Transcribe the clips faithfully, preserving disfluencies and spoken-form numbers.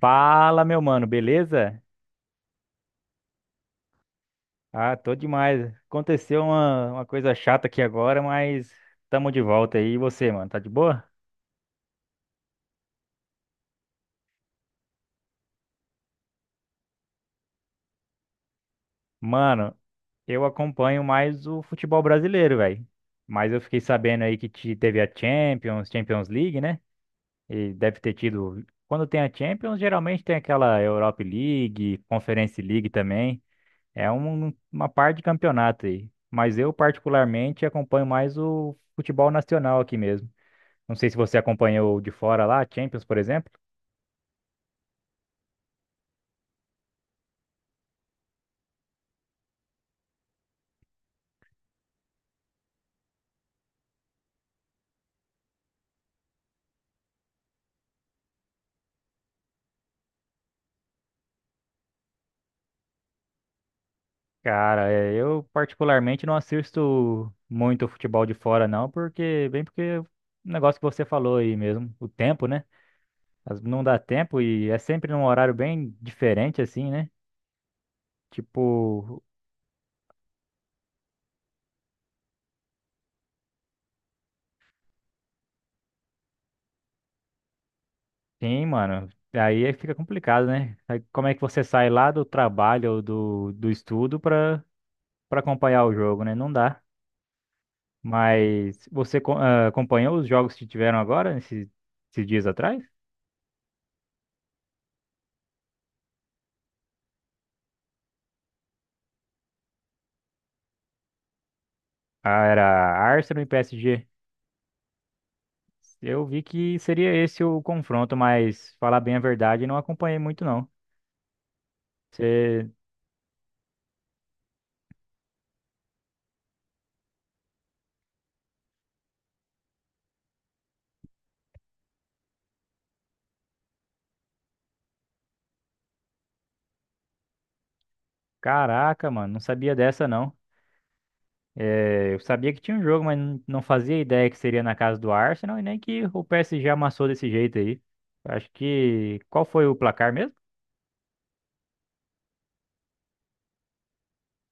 Fala, meu mano, beleza? Ah, tô demais. Aconteceu uma, uma coisa chata aqui agora, mas tamo de volta aí. E você, mano, tá de boa? Mano, eu acompanho mais o futebol brasileiro, velho. Mas eu fiquei sabendo aí que te- teve a Champions, Champions League, né? E deve ter tido. Quando tem a Champions, geralmente tem aquela Europa League, Conference League também. É um- um, uma parte de campeonato aí. Mas eu, particularmente, acompanho mais o futebol nacional aqui mesmo. Não sei se você acompanhou de fora lá, Champions, por exemplo. Cara, é, eu particularmente não assisto muito futebol de fora, não, porque, bem porque o negócio que você falou aí mesmo, o tempo, né? As- Não dá tempo e é sempre num horário bem diferente, assim, né? Tipo, sim, mano. Aí é que fica complicado, né? Aí como é que você sai lá do trabalho ou do, do estudo pra, pra acompanhar o jogo, né? Não dá. Mas você co- ah, acompanhou os jogos que tiveram agora, esses esses dias atrás? Ah, era Arsenal e P S G. Eu vi que seria esse o confronto, mas falar bem a verdade, não acompanhei muito não. Você, caraca, mano, não sabia dessa não. É, eu sabia que tinha um jogo, mas não não fazia ideia que seria na casa do Arsenal e nem que o P S G amassou desse jeito aí. Acho que qual foi o placar mesmo?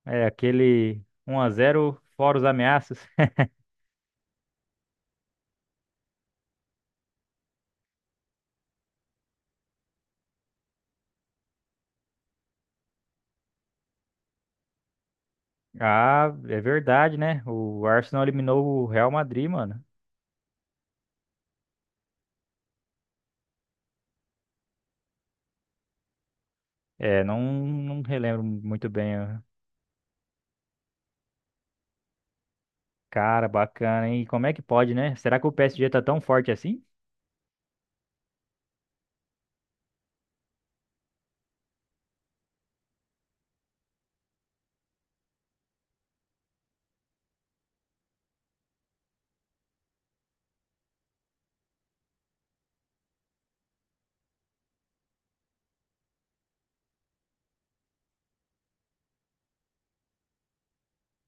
É aquele um a zero fora os ameaças. Ah, é verdade, né? O Arsenal eliminou o Real Madrid, mano. É, não, não relembro muito bem. Cara, bacana, hein? E como é que pode, né? Será que o P S G tá tão forte assim?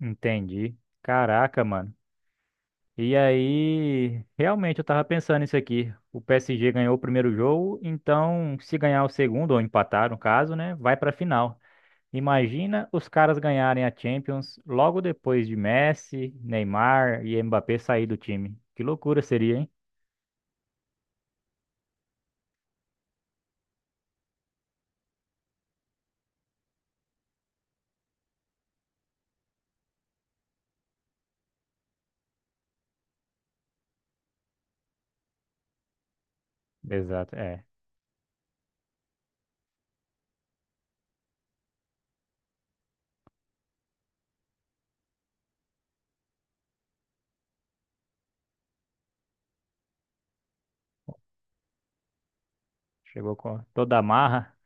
Entendi. Caraca, mano. E aí, realmente eu tava pensando isso aqui. O P S G ganhou o primeiro jogo, então se ganhar o segundo, ou empatar no caso, né? Vai pra final. Imagina os caras ganharem a Champions logo depois de Messi, Neymar e Mbappé sair do time. Que loucura seria, hein? Exato, é. Chegou com toda a marra.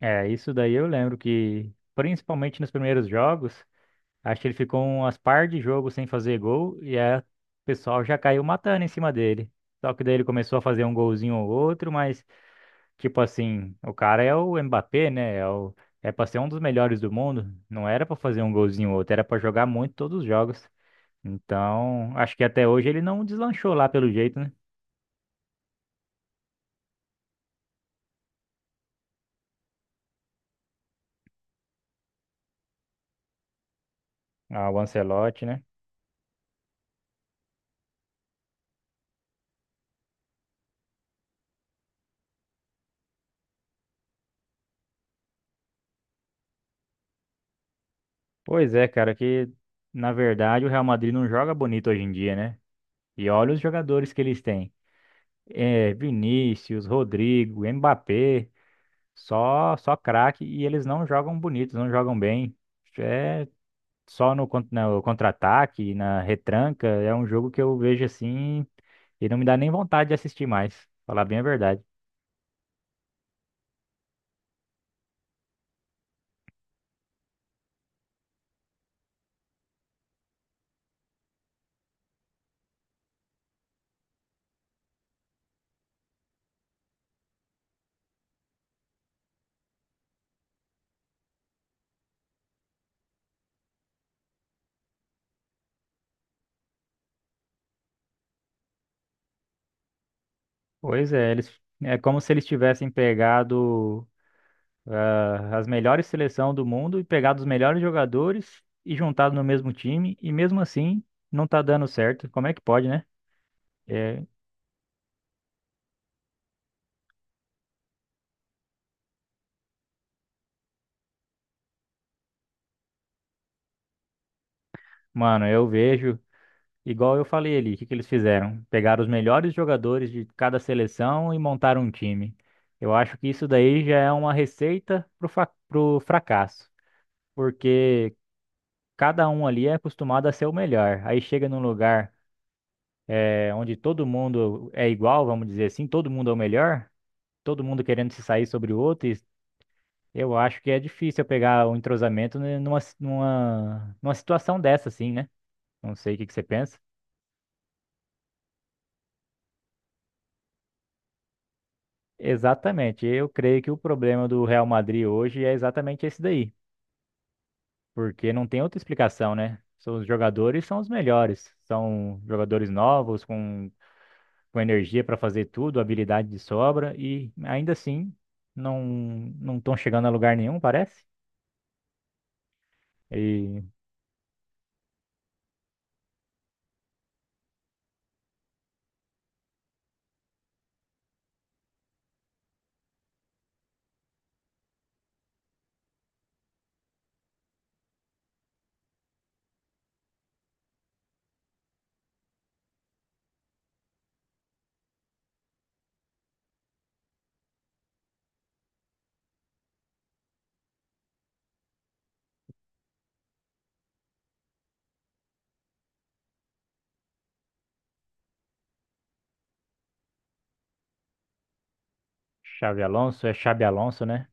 É, isso daí eu lembro que, principalmente nos primeiros jogos. Acho que ele ficou umas par de jogos sem fazer gol e aí o pessoal já caiu matando em cima dele. Só que daí ele começou a fazer um golzinho ou outro, mas tipo assim, o cara é o Mbappé, né? É o É para ser um dos melhores do mundo, não era pra fazer um golzinho ou outro, era pra jogar muito todos os jogos. Então, acho que até hoje ele não deslanchou lá pelo jeito, né? Ah, o Ancelotti, né? Pois é, cara, que na verdade o Real Madrid não joga bonito hoje em dia, né? E olha os jogadores que eles têm. É, Vinícius, Rodrigo, Mbappé, só só craque e eles não jogam bonitos, não jogam bem. É só no, con- no contra-ataque, na retranca, é um jogo que eu vejo assim e não me dá nem vontade de assistir mais, falar bem a verdade. Pois é, eles, é como se eles tivessem pegado ah, as melhores seleções do mundo e pegado os melhores jogadores e juntado no mesmo time e mesmo assim não tá dando certo. Como é que pode, né? É, mano, eu vejo. Igual eu falei ali, o que que eles fizeram? Pegaram os melhores jogadores de cada seleção e montaram um time. Eu acho que isso daí já é uma receita pro, fa- pro fracasso, porque cada um ali é acostumado a ser o melhor. Aí chega num lugar eh, onde todo mundo é igual, vamos dizer assim, todo mundo é o melhor, todo mundo querendo se sair sobre o outro. E eu acho que é difícil eu pegar o entrosamento, né, numa, numa, numa situação dessa, assim, né? Não sei o que que você pensa. Exatamente. Eu creio que o problema do Real Madrid hoje é exatamente esse daí, porque não tem outra explicação, né? São Os jogadores são os melhores, são jogadores novos, com, com energia para fazer tudo, habilidade de sobra, e ainda assim não não estão chegando a lugar nenhum, parece. E Xavi Alonso é Xabi Alonso, né?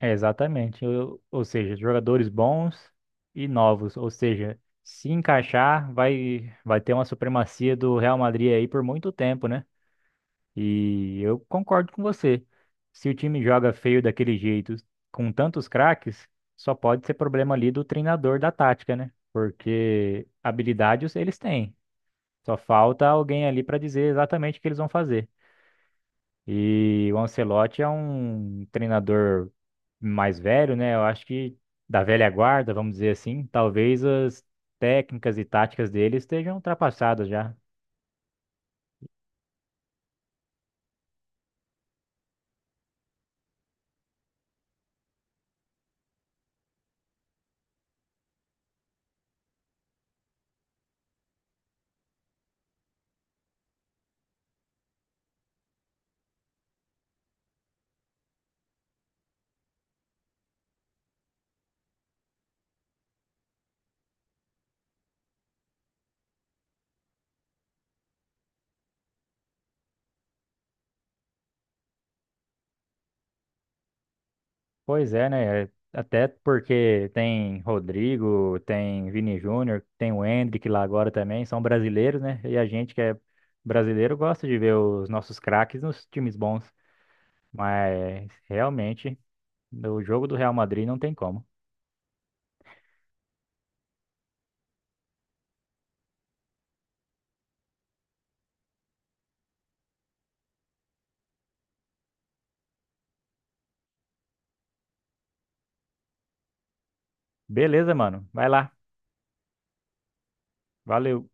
É, exatamente. Ou, ou seja, jogadores bons e novos, ou seja, se encaixar, vai vai ter uma supremacia do Real Madrid aí por muito tempo, né? E eu concordo com você. Se o time joga feio daquele jeito, com tantos craques, só pode ser problema ali do treinador da tática, né? Porque habilidades eles têm. Só falta alguém ali para dizer exatamente o que eles vão fazer. E o Ancelotti é um treinador mais velho, né? Eu acho que da velha guarda, vamos dizer assim, talvez as técnicas e táticas dele estejam ultrapassadas já. Pois é, né? É, até porque tem Rodrigo, tem Vini Júnior, tem o Endrick lá agora também, são brasileiros, né? E a gente que é brasileiro gosta de ver os nossos craques nos times bons. Mas realmente, no jogo do Real Madrid não tem como. Beleza, mano. Vai lá. Valeu.